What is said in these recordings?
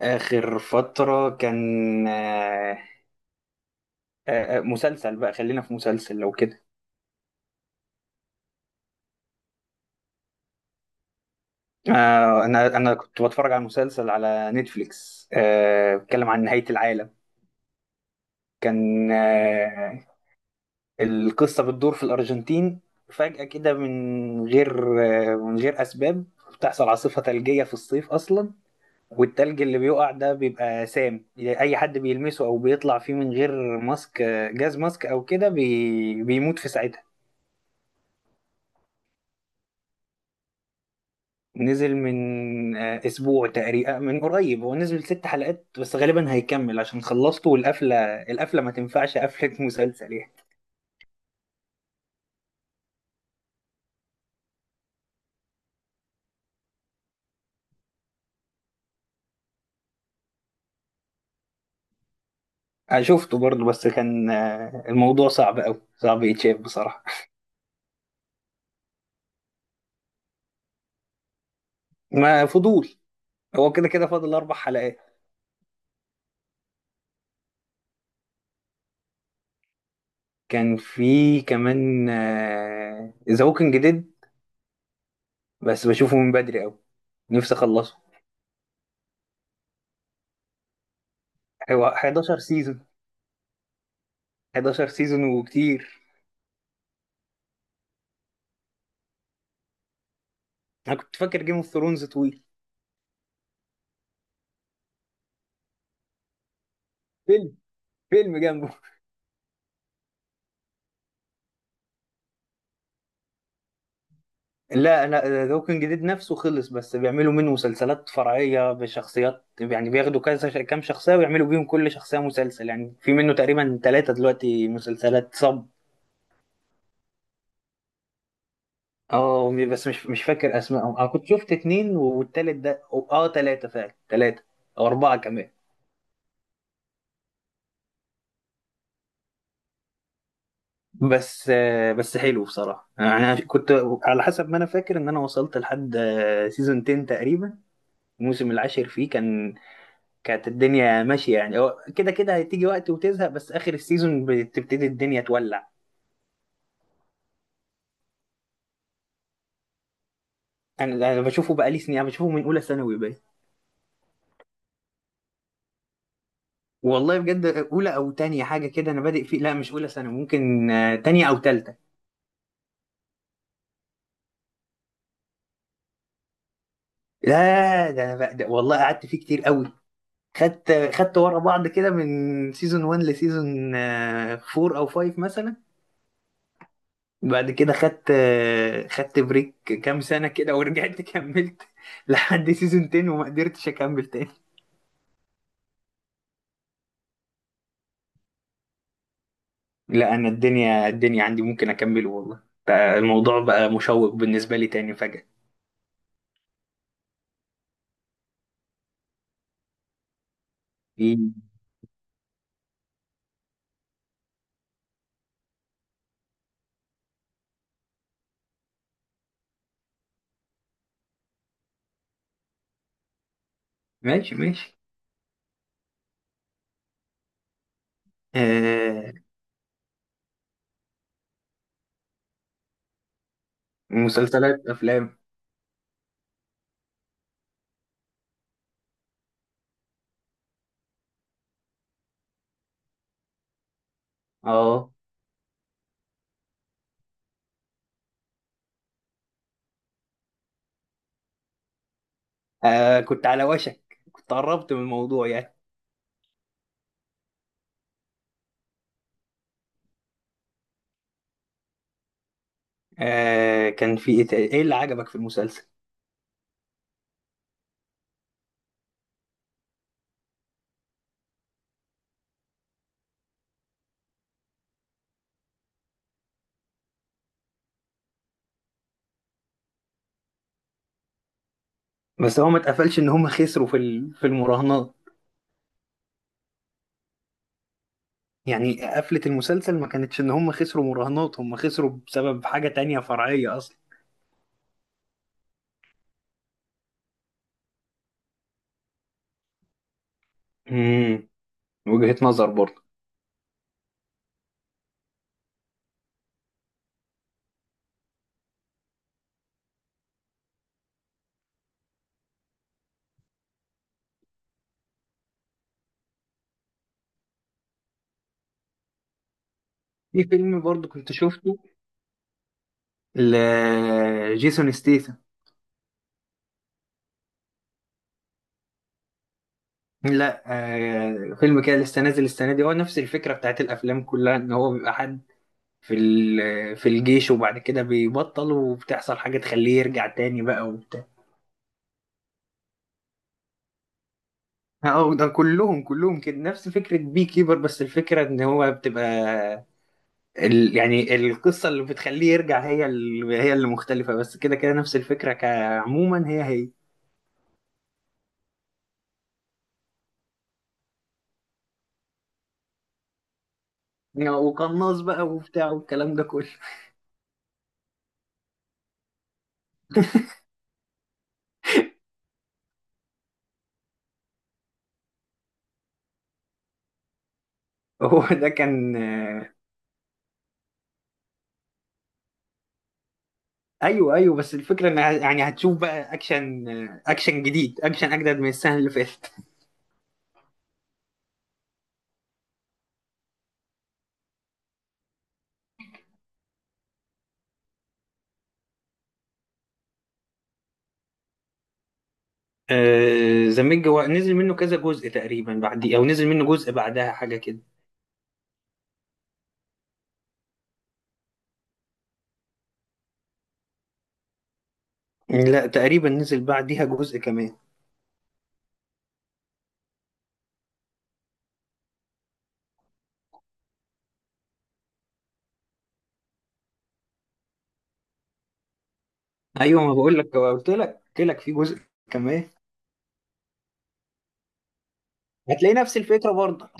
آخر فترة كان مسلسل بقى خلينا في مسلسل لو كده. أنا كنت بتفرج على مسلسل على نتفليكس، بيتكلم عن نهاية العالم. كان القصة بتدور في الأرجنتين، فجأة كده من غير من غير أسباب بتحصل عاصفة ثلجية في الصيف أصلا. والتلج اللي بيقع ده بيبقى سام، أي حد بيلمسه أو بيطلع فيه من غير ماسك، جاز ماسك أو كده بيموت في ساعتها. نزل من اسبوع تقريبا، من قريب. هو نزل ست حلقات بس، غالبا هيكمل عشان خلصته والقفله. القفله ما تنفعش قفله مسلسل يعني. أنا شفته برضه بس كان الموضوع صعب قوي، صعب يتشاف بصراحه. ما فضول. هو كده كده فاضل اربع حلقات. كان في كمان ذا ووكينج ديد، بس بشوفه من بدري قوي، نفسي اخلصه. هو 11 سيزون. 11 سيزون وكتير. انا كنت فاكر جيم اوف ثرونز طويل. فيلم، فيلم جنبه. لا انا ذا ووكينج ديد نفسه خلص، بس بيعملوا منه مسلسلات فرعيه بشخصيات، يعني بياخدوا كذا كام شخصيه ويعملوا بيهم كل شخصيه مسلسل، يعني في منه تقريبا ثلاثه دلوقتي مسلسلات صب. اه بس مش فاكر اسمائهم، انا كنت شفت اتنين والتالت ده، اه، ثلاثه فعلا، ثلاثه او اربعه كمان. بس بس حلو بصراحه. يعني انا كنت، على حسب ما انا فاكر، ان انا وصلت لحد سيزون 10 تقريبا. الموسم العاشر فيه كان، كانت الدنيا ماشيه، يعني هو كده كده هتيجي وقت وتزهق، بس اخر السيزون بتبتدي الدنيا تولع. انا بشوفه بقالي سنين. انا بشوفه من اولى ثانوي بقى. والله بجد اولى او تانية حاجه كده انا بادئ فيه. لا مش اولى ثانوي، ممكن تانية او تالتة. لا ده انا بقى ده والله قعدت فيه كتير قوي. خدت ورا بعض كده من سيزون 1 لسيزون 4 او 5 مثلا. بعد كده خدت خدت بريك كام سنه كده، ورجعت كملت لحد سيزون 10 وما قدرتش اكمل تاني. لا انا الدنيا عندي ممكن اكمله، والله بقى الموضوع بقى مشوق بالنسبه لي تاني فجأة. إيه. ماشي ماشي. آه. مسلسلات، افلام. اه. كنت على وشك، كنت قربت من الموضوع يعني. آه، كان في ايه تاني؟ ايه اللي عجبك في المسلسل؟ بس هو ما اتقفلش ان هم خسروا في المراهنات. يعني قفلة المسلسل ما كانتش ان هم خسروا مراهنات، هم خسروا بسبب حاجة تانية فرعية اصلا. امم. وجهة نظر برضه. في فيلم برضه كنت شفته، لجيسون ستيثم. لا آه فيلم كده لسه نازل السنه دي، هو نفس الفكره بتاعت الافلام كلها، ان هو بيبقى حد في الجيش وبعد كده بيبطل وبتحصل حاجه تخليه يرجع تاني بقى وبتاع. اه ده كلهم كده نفس فكره بي كيبر، بس الفكره ان هو بتبقى، ال، يعني القصه اللي بتخليه يرجع هي ال هي اللي مختلفه، بس كده كده نفس الفكره، كعموما هي هي. آه، وقناص بقى وبتاع والكلام ده كله. هو ده كان ايوه ايوه بس الفكره ان يعني هتشوف بقى اكشن، اكشن جديد، اكشن اجدد من السنه اللي فاتت. ذا ميج هو نزل منه كذا جزء تقريبا، بعد، او نزل منه جزء بعدها حاجه كده. لا تقريبا نزل بعديها جزء كمان. ايوه ما بقول لك، قلت لك قلت لك في جزء كمان. هتلاقي نفس الفكره برضه.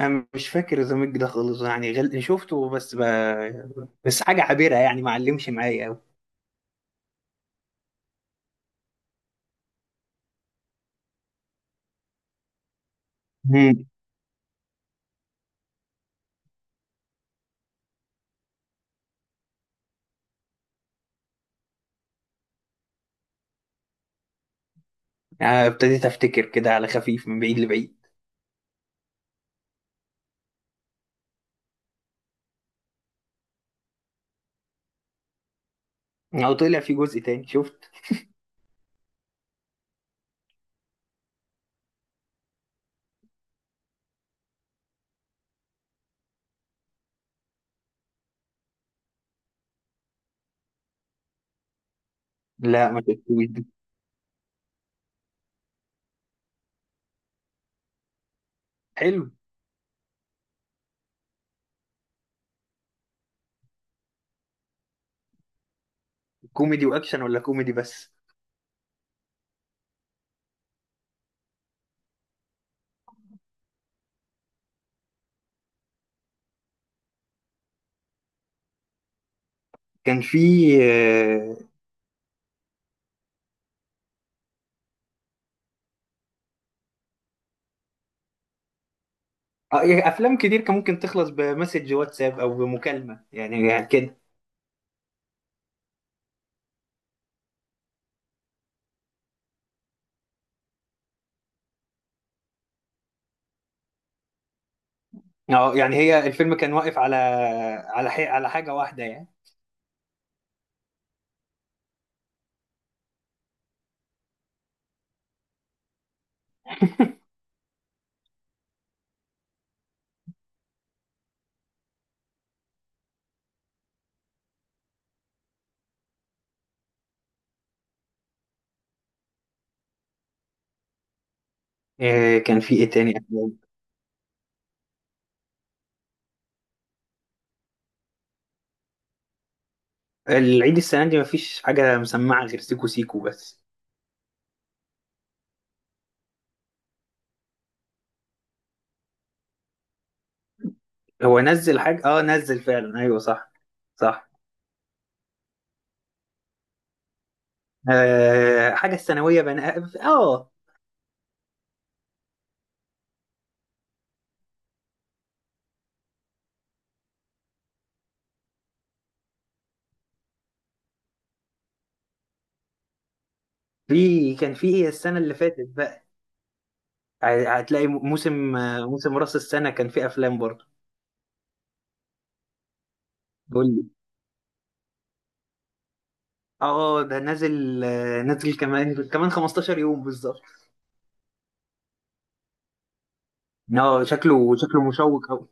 انا مش فاكر ذا ميج ده خالص، يعني شفته بس بس حاجه عابره، يعني ما علمش معايا قوي. امم. ابتديت افتكر كده على خفيف من بعيد لبعيد. او طلع في جزء تاني، شفت؟ لا ما كانت كوميدي؟ حلو. كوميدي واكشن ولا كوميدي بس؟ كان في آه، يعني افلام كتير كان ممكن تخلص بمسج واتساب او بمكالمه، يعني، يعني كده. اه يعني هي الفيلم كان واقف على، على على حاجه واحده يعني. آه، كان في ايه تاني أفلام؟ العيد السنه دي مفيش حاجه مسمعه غير سيكو سيكو بس. هو نزل حاجه، اه نزل فعلا ايوه صح. صح، حاجه الثانويه بنقى، اه. في، كان في ايه السنه اللي فاتت بقى؟ هتلاقي موسم، موسم راس السنة كان فيه أفلام برضه. قول لي. اه ده نازل، نازل كمان كمان 15 يوم بالظبط. اه شكله، شكله مشوق قوي.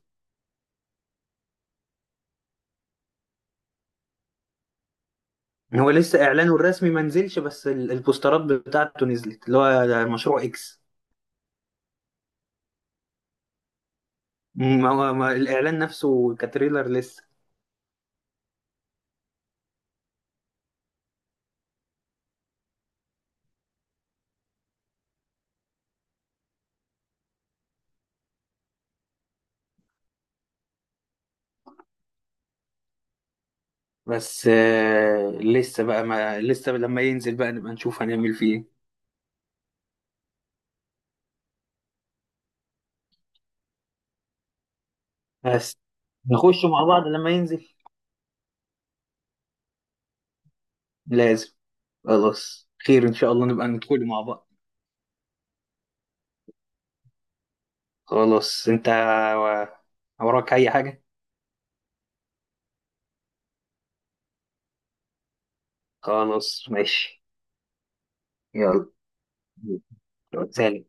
هو لسه اعلانه الرسمي ما نزلش، بس البوسترات بتاعته نزلت، اللي هو ده مشروع اكس. ما هو ما الاعلان نفسه كتريلر لسه. بس لسه بقى ما لسه لما ينزل بقى نبقى نشوف هنعمل فيه ايه. بس نخش مع بعض لما ينزل. لازم. خلاص خير ان شاء الله نبقى ندخل مع بعض. خلاص انت، وراك اي حاجة؟ خلاص ماشي. يلا سلام.